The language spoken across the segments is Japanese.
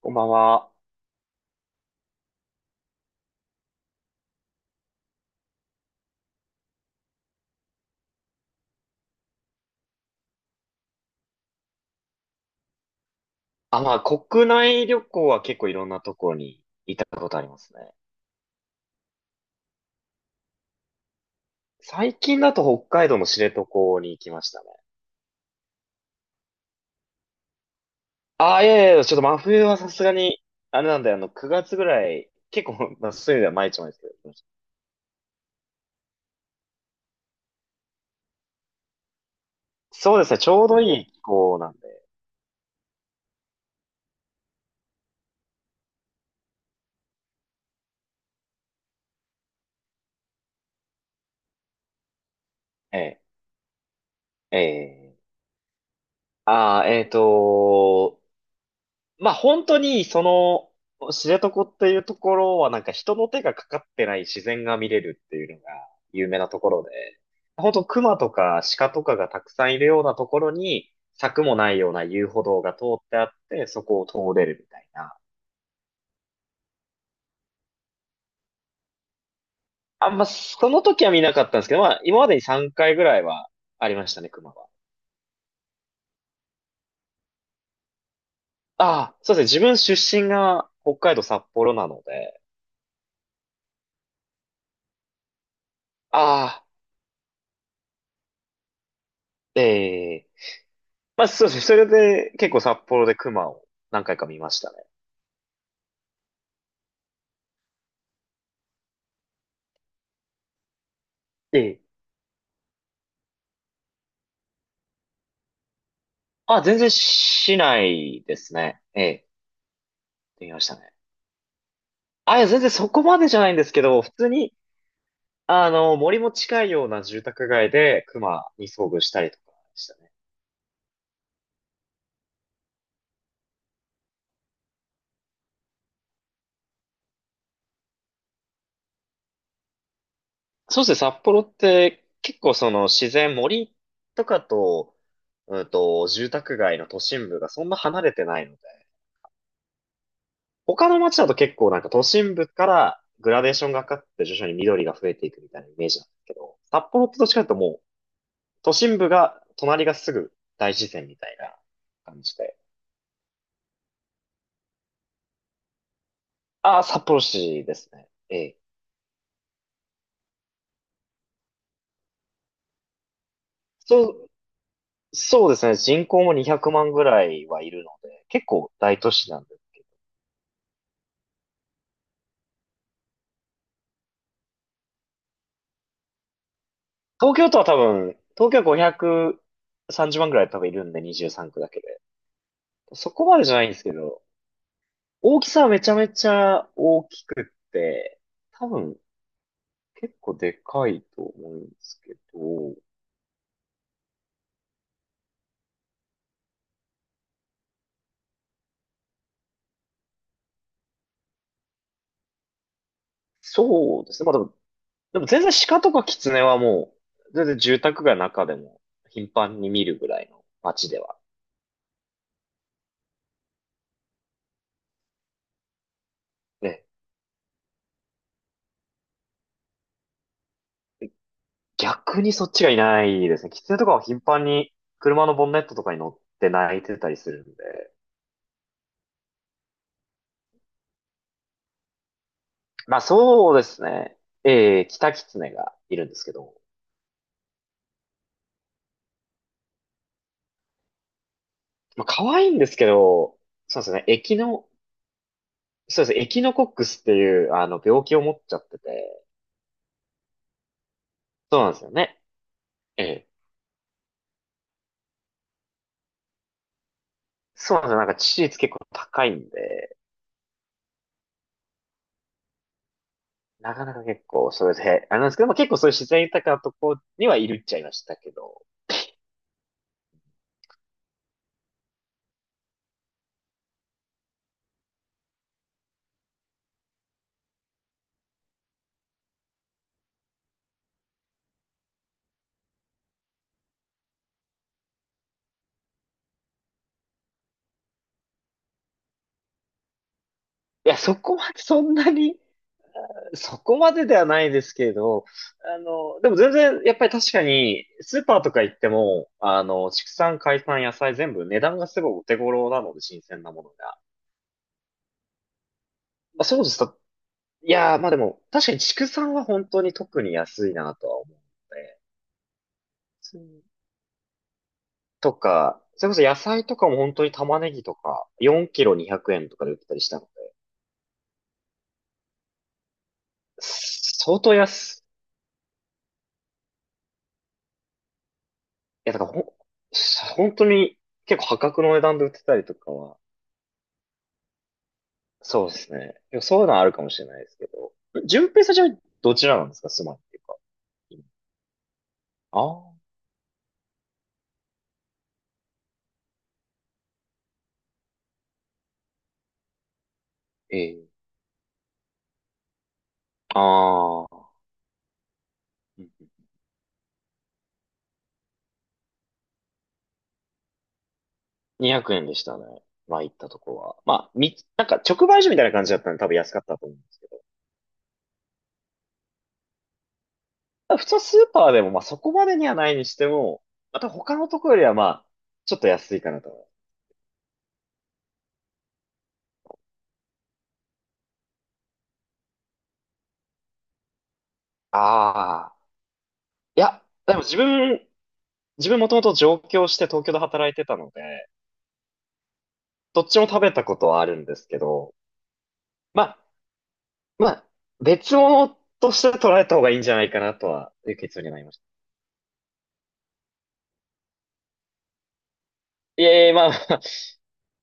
こんばんは。あ、まあ、国内旅行は結構いろんなところに行ったことありますね。最近だと北海道の知床に行きましたね。あ、いやいやいや、ちょっと真冬はさすがに、あれなんで、9月ぐらい、結構、まあ、そういう意味では毎日もですけど、そうですね、ちょうどいい気候なんで。ええ、ええ。ああ、まあ本当に、知床っていうところはなんか人の手がかかってない自然が見れるっていうのが有名なところで、本当熊とか鹿とかがたくさんいるようなところに、柵もないような遊歩道が通ってあって、そこを通れるみたいな。あんま、その時は見なかったんですけど、まあ今までに3回ぐらいはありましたね、熊は。ああ、そうですね。自分出身が北海道札幌なので、ああ、ええまあ、そうですね。それで結構札幌で熊を何回か見ましたね。ええ。あ、全然市内ですね。ええ、見ましたね。あ、いや、全然そこまでじゃないんですけど、普通に、森も近いような住宅街で熊に遭遇したりとかでしたね。そうですね、札幌って結構その自然、森とかと、住宅街の都心部がそんな離れてないので、他の街だと結構なんか都心部からグラデーションがかかって徐々に緑が増えていくみたいなイメージなんですけど、札幌ってどっちかというともう都心部が隣がすぐ大自然みたいな感じで。ああ、札幌市ですね。ええ。そう、そうですね。人口も200万ぐらいはいるので、結構大都市なんで。東京都は多分、東京は530万ぐらい多分いるんで、23区だけで。そこまでじゃないんですけど、大きさはめちゃめちゃ大きくって、多分結構でかいと思うんですけど、そうですね。まあでも全然鹿とかキツネはもう、全然住宅街の中でも頻繁に見るぐらいの街では。ね。逆にそっちがいないですね。キツネとかは頻繁に車のボンネットとかに乗って鳴いてたりするんで。まあそうですね。キタキツネがいるんですけど。まあ可愛いんですけど、そうですね。エキノ、そうですね。エキノコックスっていう、病気を持っちゃってて。そうなんですよね。ええ。そうなんですよ。なんか致死率結構高いんで、なかなか結構それで、あれなんですけど、まあ、結構そういう自然豊かなとこにはいるっちゃいましたけど、いや、そこまでそんなに、そこまでではないですけど、でも全然、やっぱり確かに、スーパーとか行っても、畜産、海産、野菜全部値段がすごいお手頃なので、新鮮なものが。まあ、そうですと、いやー、まあでも、確かに畜産は本当に特に安いなとは思うので、とか、それこそ野菜とかも本当に玉ねぎとか、4キロ200円とかで売ってたりしたので、相当安い、いや、だから本当に結構破格の値段で売ってたりとかは、そうですね。でもそういうのはあるかもしれないですけど、順平さんじゃどちらなんですか、住まいっていうか？ああー、ええああ、うんうん、200円でしたね。まあ行ったとこは。まあ、なんか直売所みたいな感じだったんで多分安かったと思うんですけど。普通スーパーでも、まあ、そこまでにはないにしても、また他のとこよりは、まあ、ちょっと安いかなと思う。ああ。いや、でも自分もともと上京して東京で働いてたので、どっちも食べたことはあるんですけど、まあ、まあ、別物として捉えた方がいいんじゃないかなとは、いう結論になりました。いえいえ、まあ、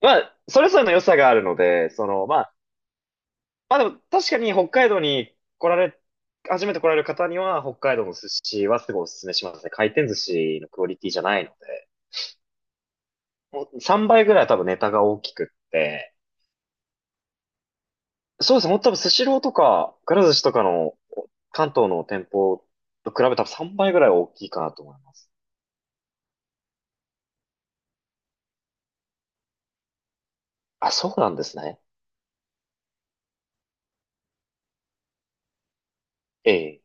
まあ、それぞれの良さがあるので、まあでも確かに北海道に来られ、初めて来られる方には北海道の寿司はすごいおすすめしますね。回転寿司のクオリティじゃないので。3倍ぐらい多分ネタが大きくって。そうですね。もう多分スシローとか、くら寿司とかの関東の店舗と比べたら3倍ぐらい大きいかなと思います。あ、そうなんですね。ええ。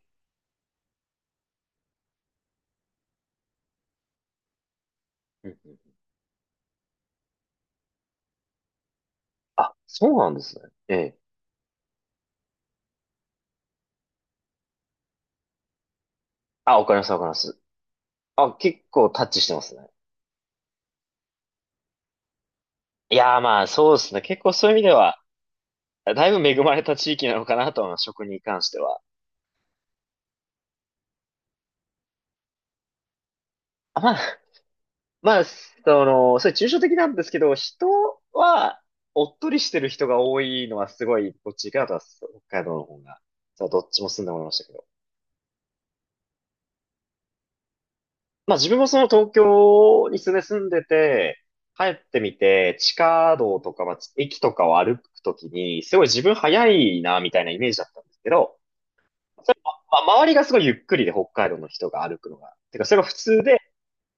うんうん、あ、そうなんですね。ええ。あ、わかります、わかります。あ、結構タッチしてますね。いやー、まあそうですね。結構そういう意味では、だいぶ恵まれた地域なのかなと思います、食に関しては。あまあ、それ抽象的なんですけど、人は、おっとりしてる人が多いのはすごい、こっち行くなとは、北海道の方が、そうどっちも住んでもらいましたけど。まあ自分も東京に住んでて、帰ってみて、地下道とか、まあ、駅とかを歩くときに、すごい自分早いな、みたいなイメージだったんですけど、まあ、周りがすごいゆっくりで北海道の人が歩くのが。てか、それが普通で、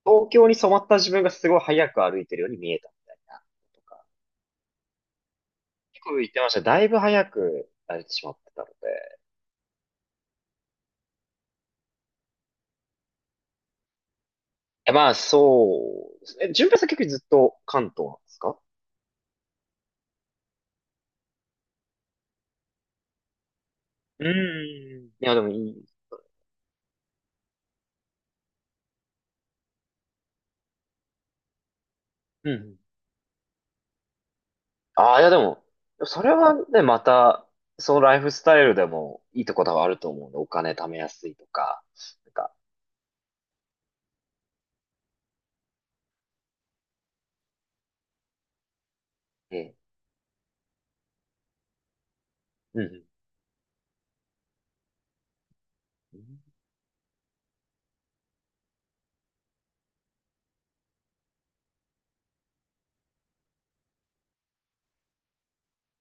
東京に染まった自分がすごい早く歩いてるように見えたみたいな。とか、結構言ってました。だいぶ早く歩いてしまってたので。え、まあ、そうですね。順平さん結局ずっと関東なんですか？うーん。いや、でもいい。うんうん。ああ、いや、でも、それはね、また、そのライフスタイルでもいいところはあると思うんで、お金貯めやすいとか、なんか、ええ、うんうん。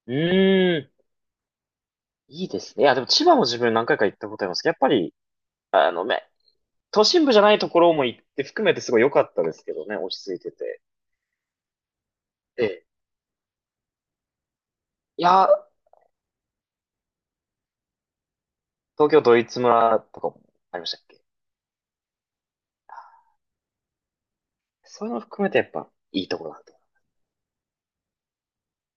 うーん、いいですね。いや、でも千葉も自分何回か行ったことありますけど、やっぱり、都心部じゃないところも行って含めてすごい良かったですけどね、落ち着いてて。ええ、いや、東京ドイツ村とかもありましたっけ？そういうの含めてやっぱいいところなん